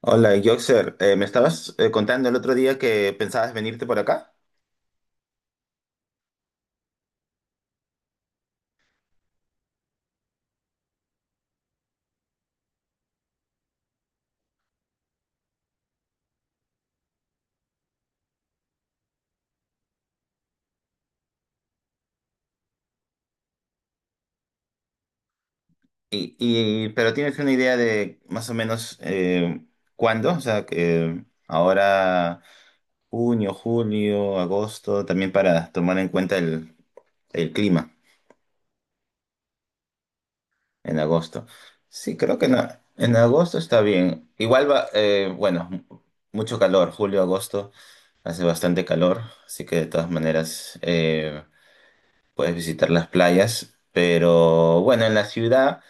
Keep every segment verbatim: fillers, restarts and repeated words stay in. Hola, Yoxer. Eh, me estabas eh, contando el otro día que pensabas venirte por acá, y, y- pero ¿tienes una idea de más o menos, eh, cuándo? O sea, que ahora junio, julio, agosto, también para tomar en cuenta el, el clima en agosto. Sí, creo que en, a- en agosto está bien. Igual va, eh, bueno, mu- mucho calor, julio, agosto, hace bastante calor, así que de todas maneras eh, puedes visitar las playas, pero bueno, en la ciudad,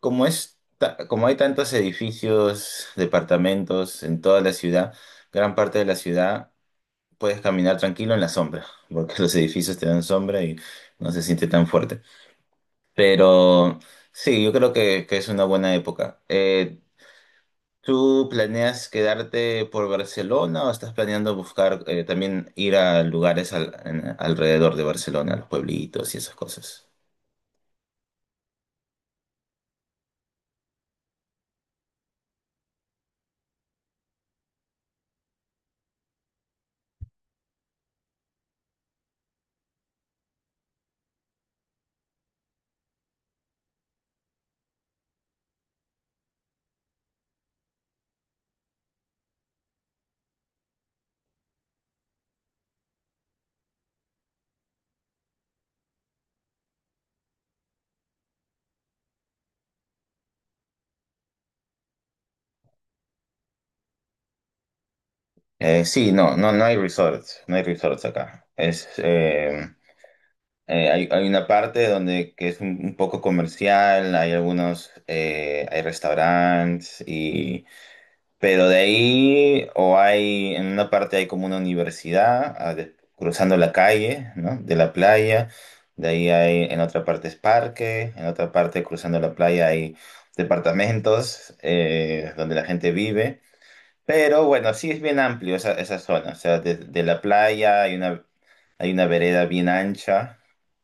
como es, ta- como hay tantos edificios, departamentos en toda la ciudad, gran parte de la ciudad puedes caminar tranquilo en la sombra, porque los edificios te dan sombra y no se siente tan fuerte. Pero sí, yo creo que, que es una buena época. Eh, ¿tú planeas quedarte por Barcelona o estás planeando buscar eh, también ir a lugares al- en- alrededor de Barcelona, los pueblitos y esas cosas? Eh, sí, no, no, no hay resorts, no hay resorts acá. Es, eh, eh, hay, hay una parte donde que es un, un poco comercial, hay algunos, eh, hay restaurantes y, pero de ahí o hay en una parte hay como una universidad, ah, de- cruzando la calle, ¿no? De la playa. De ahí hay en otra parte es parque, en otra parte cruzando la playa hay departamentos, eh, donde la gente vive. Pero bueno, sí es bien amplio esa, esa zona. O sea, de, de la playa hay una, hay una vereda bien ancha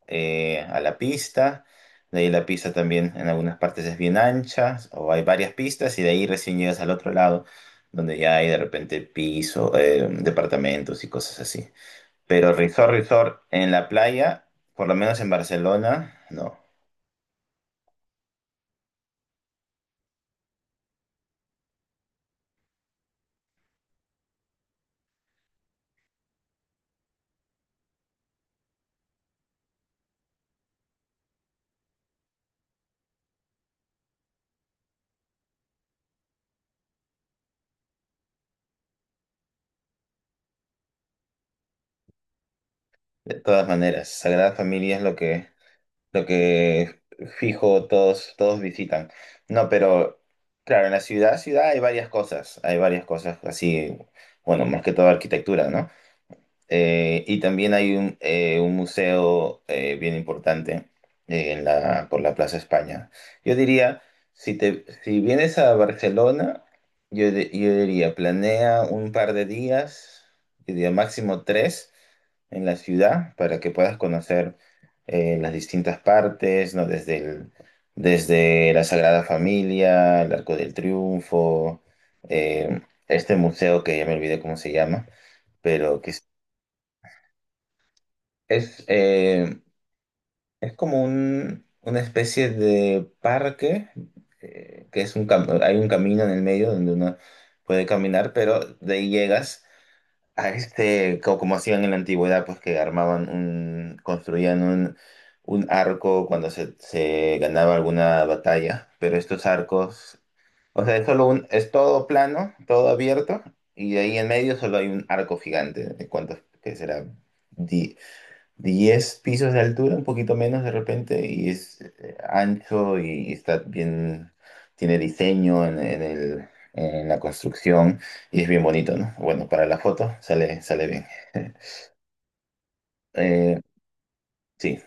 eh, a la pista. De ahí la pista también en algunas partes es bien ancha o hay varias pistas y de ahí recién llegas al otro lado donde ya hay de repente piso, eh, departamentos y cosas así. Pero resort, resort en la playa, por lo menos en Barcelona, no. De todas maneras, Sagrada Familia es lo que, lo que fijo todos, todos visitan. No, pero claro, en la ciudad, ciudad hay varias cosas, hay varias cosas así, bueno, más que todo arquitectura, ¿no? Eh, y también hay un, eh, un museo eh, bien importante eh, en la, por la Plaza España. Yo diría, si te, si vienes a Barcelona, yo, di- yo diría, planea un par de días, yo diría máximo tres en la ciudad para que puedas conocer eh, las distintas partes, ¿no? Desde el- desde la Sagrada Familia, el Arco del Triunfo, eh, este museo que ya me olvidé cómo se llama pero que es, eh, es como un, una especie de parque, eh, que es un cam- hay un camino en el medio donde uno puede caminar, pero de ahí llegas a este, co- como hacían en la antigüedad, pues que armaban un, construían un, un arco cuando se, se ganaba alguna batalla, pero estos arcos, o sea, es solo un, es todo plano, todo abierto, y de ahí en medio solo hay un arco gigante, de cuántos, ¿que será? diez pisos de altura, un poquito menos de repente, y es eh, ancho y está bien, tiene diseño en, en el, en la construcción y es bien bonito, ¿no? Bueno, para la foto sale, sale bien. Eh, sí,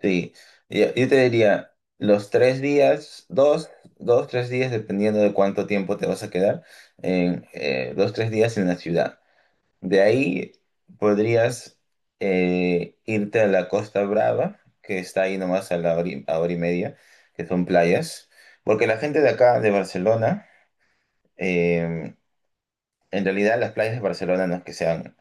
sí. Yo, yo te diría, los tres días, dos, dos, tres días, dependiendo de cuánto tiempo te vas a quedar, en, eh, dos, tres días en la ciudad. De ahí podrías eh, irte a la Costa Brava, que está ahí nomás a la hora y, a hora y media, que son playas, porque la gente de acá, de Barcelona, eh, en realidad las playas de Barcelona no es que sean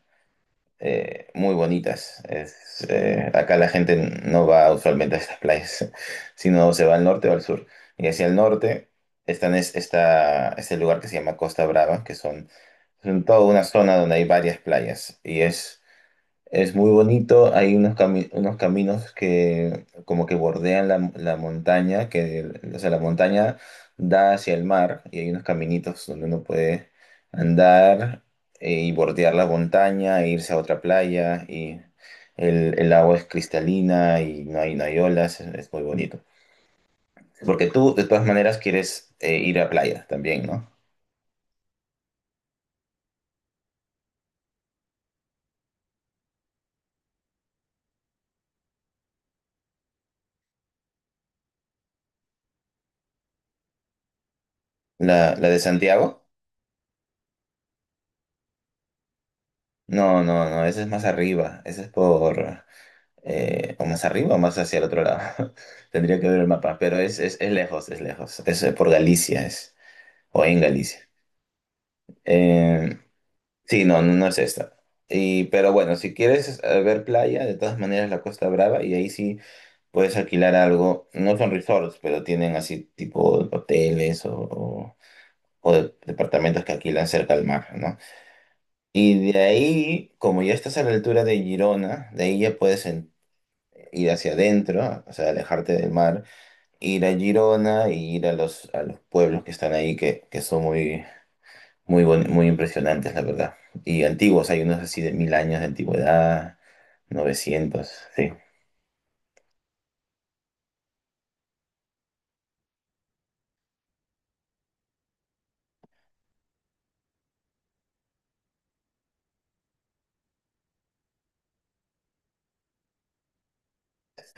eh, muy bonitas. Es, eh, acá la gente no va usualmente a estas playas, sino se va al norte o al sur. Y hacia el norte están es, está este lugar que se llama Costa Brava, que son, son toda una zona donde hay varias playas y es es muy bonito, hay unos, cami- unos caminos que como que bordean la, la montaña, que, o sea, la montaña da hacia el mar y hay unos caminitos donde uno puede andar eh, y bordear la montaña e irse a otra playa y el, el agua es cristalina y no hay, no hay olas, es, es muy bonito. Porque tú de todas maneras quieres eh, ir a playa también, ¿no? La, la de Santiago? No, no, no, esa es más arriba, esa es por, eh, o más arriba o más hacia el otro lado. Tendría que ver el mapa, pero es, es, es lejos, es lejos. Es eh, Por Galicia, es, o en Galicia. Eh, sí, no, no, no es esta. Y, pero bueno, si quieres eh, ver playa, de todas maneras la Costa Brava, y ahí sí puedes alquilar algo. No son resorts, pero tienen así tipo hoteles o, o- o de- departamentos que alquilan cerca al mar, ¿no? Y de ahí, como ya estás a la altura de Girona, de ahí ya puedes en- ir hacia adentro, o sea, alejarte del mar, ir a Girona y ir a los, a los pueblos que están ahí, que, que son muy, muy, buen- muy impresionantes, la verdad. Y antiguos, hay unos así de mil años de antigüedad, novecientos. Sí.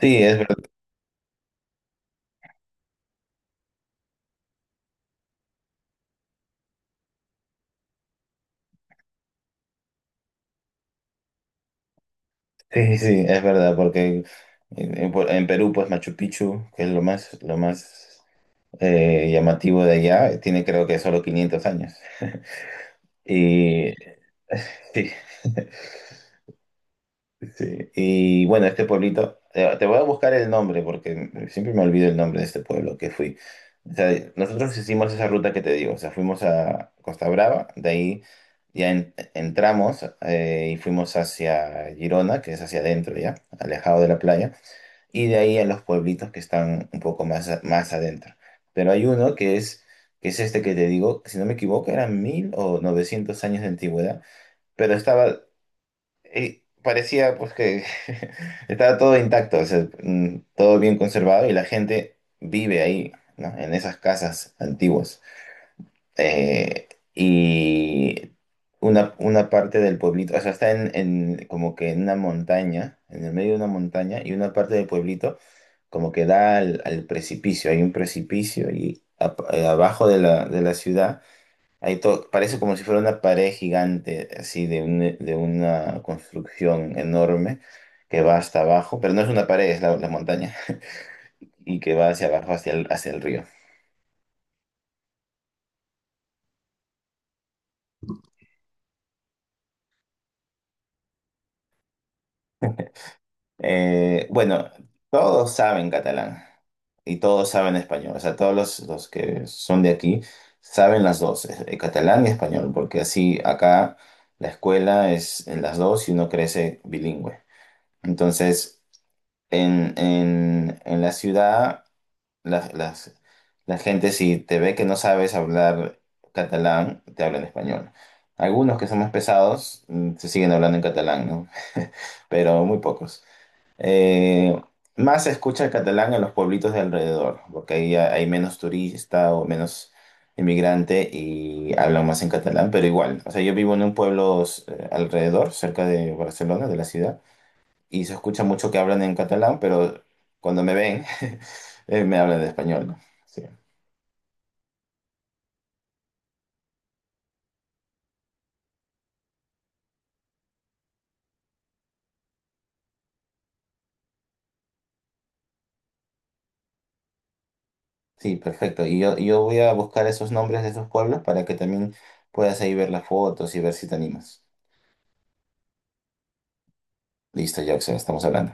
Sí, es verdad, sí, sí, es verdad, porque en, en Pu- en Perú, pues Machu Picchu, que es lo más, lo más eh, llamativo de allá, tiene creo que solo quinientos años. Y sí. Sí, y bueno, este pueblito, eh, te voy a buscar el nombre porque siempre me olvido el nombre de este pueblo que fui. O sea, nosotros hicimos esa ruta que te digo, o sea, fuimos a Costa Brava, de ahí ya en- entramos eh, y fuimos hacia Girona, que es hacia adentro ya, alejado de la playa, y de ahí a los pueblitos que están un poco más, a- más adentro. Pero hay uno que es, que es este que te digo, si no me equivoco, eran mil o novecientos años de antigüedad, pero estaba y parecía pues que estaba todo intacto, o sea, mm, todo bien conservado y la gente vive ahí, ¿no? En esas casas antiguas. Eh, y una, una parte del pueblito, o sea, está en, en- como que en una montaña, en el medio de una montaña, y una parte del pueblito como que da al, al precipicio, hay un precipicio y a- eh, abajo de la, de la ciudad. Ahí to- parece como si fuera una pared gigante, así de, un- de una construcción enorme que va hasta abajo, pero no es una pared, es la, la montaña, y que va hacia abajo, hacia el, hacia el río. Eh, bueno, todos saben catalán y todos saben español, o sea, todos los, los que son de aquí saben las dos, eh, eh, catalán y español, porque así acá la escuela es en las dos y uno crece bilingüe. Entonces, en, en en la ciudad, las, las, la gente si te ve que no sabes hablar catalán, te habla en español. Algunos que son más pesados mm, se siguen hablando en catalán, ¿no? Pero muy pocos. Eh, Más se escucha el catalán en los pueblitos de alrededor, porque ahí ha- hay menos turista o menos inmigrante y hablan más en catalán, pero igual. O sea, yo vivo en un pueblo eh, alrededor, cerca de Barcelona, de la ciudad y se escucha mucho que hablan en catalán, pero cuando me ven, eh, me hablan de español, ¿no? Sí, sí, perfecto. Y yo, yo voy a buscar esos nombres de esos pueblos para que también puedas ahí ver las fotos y ver si te animas. Listo, Jackson, estamos hablando.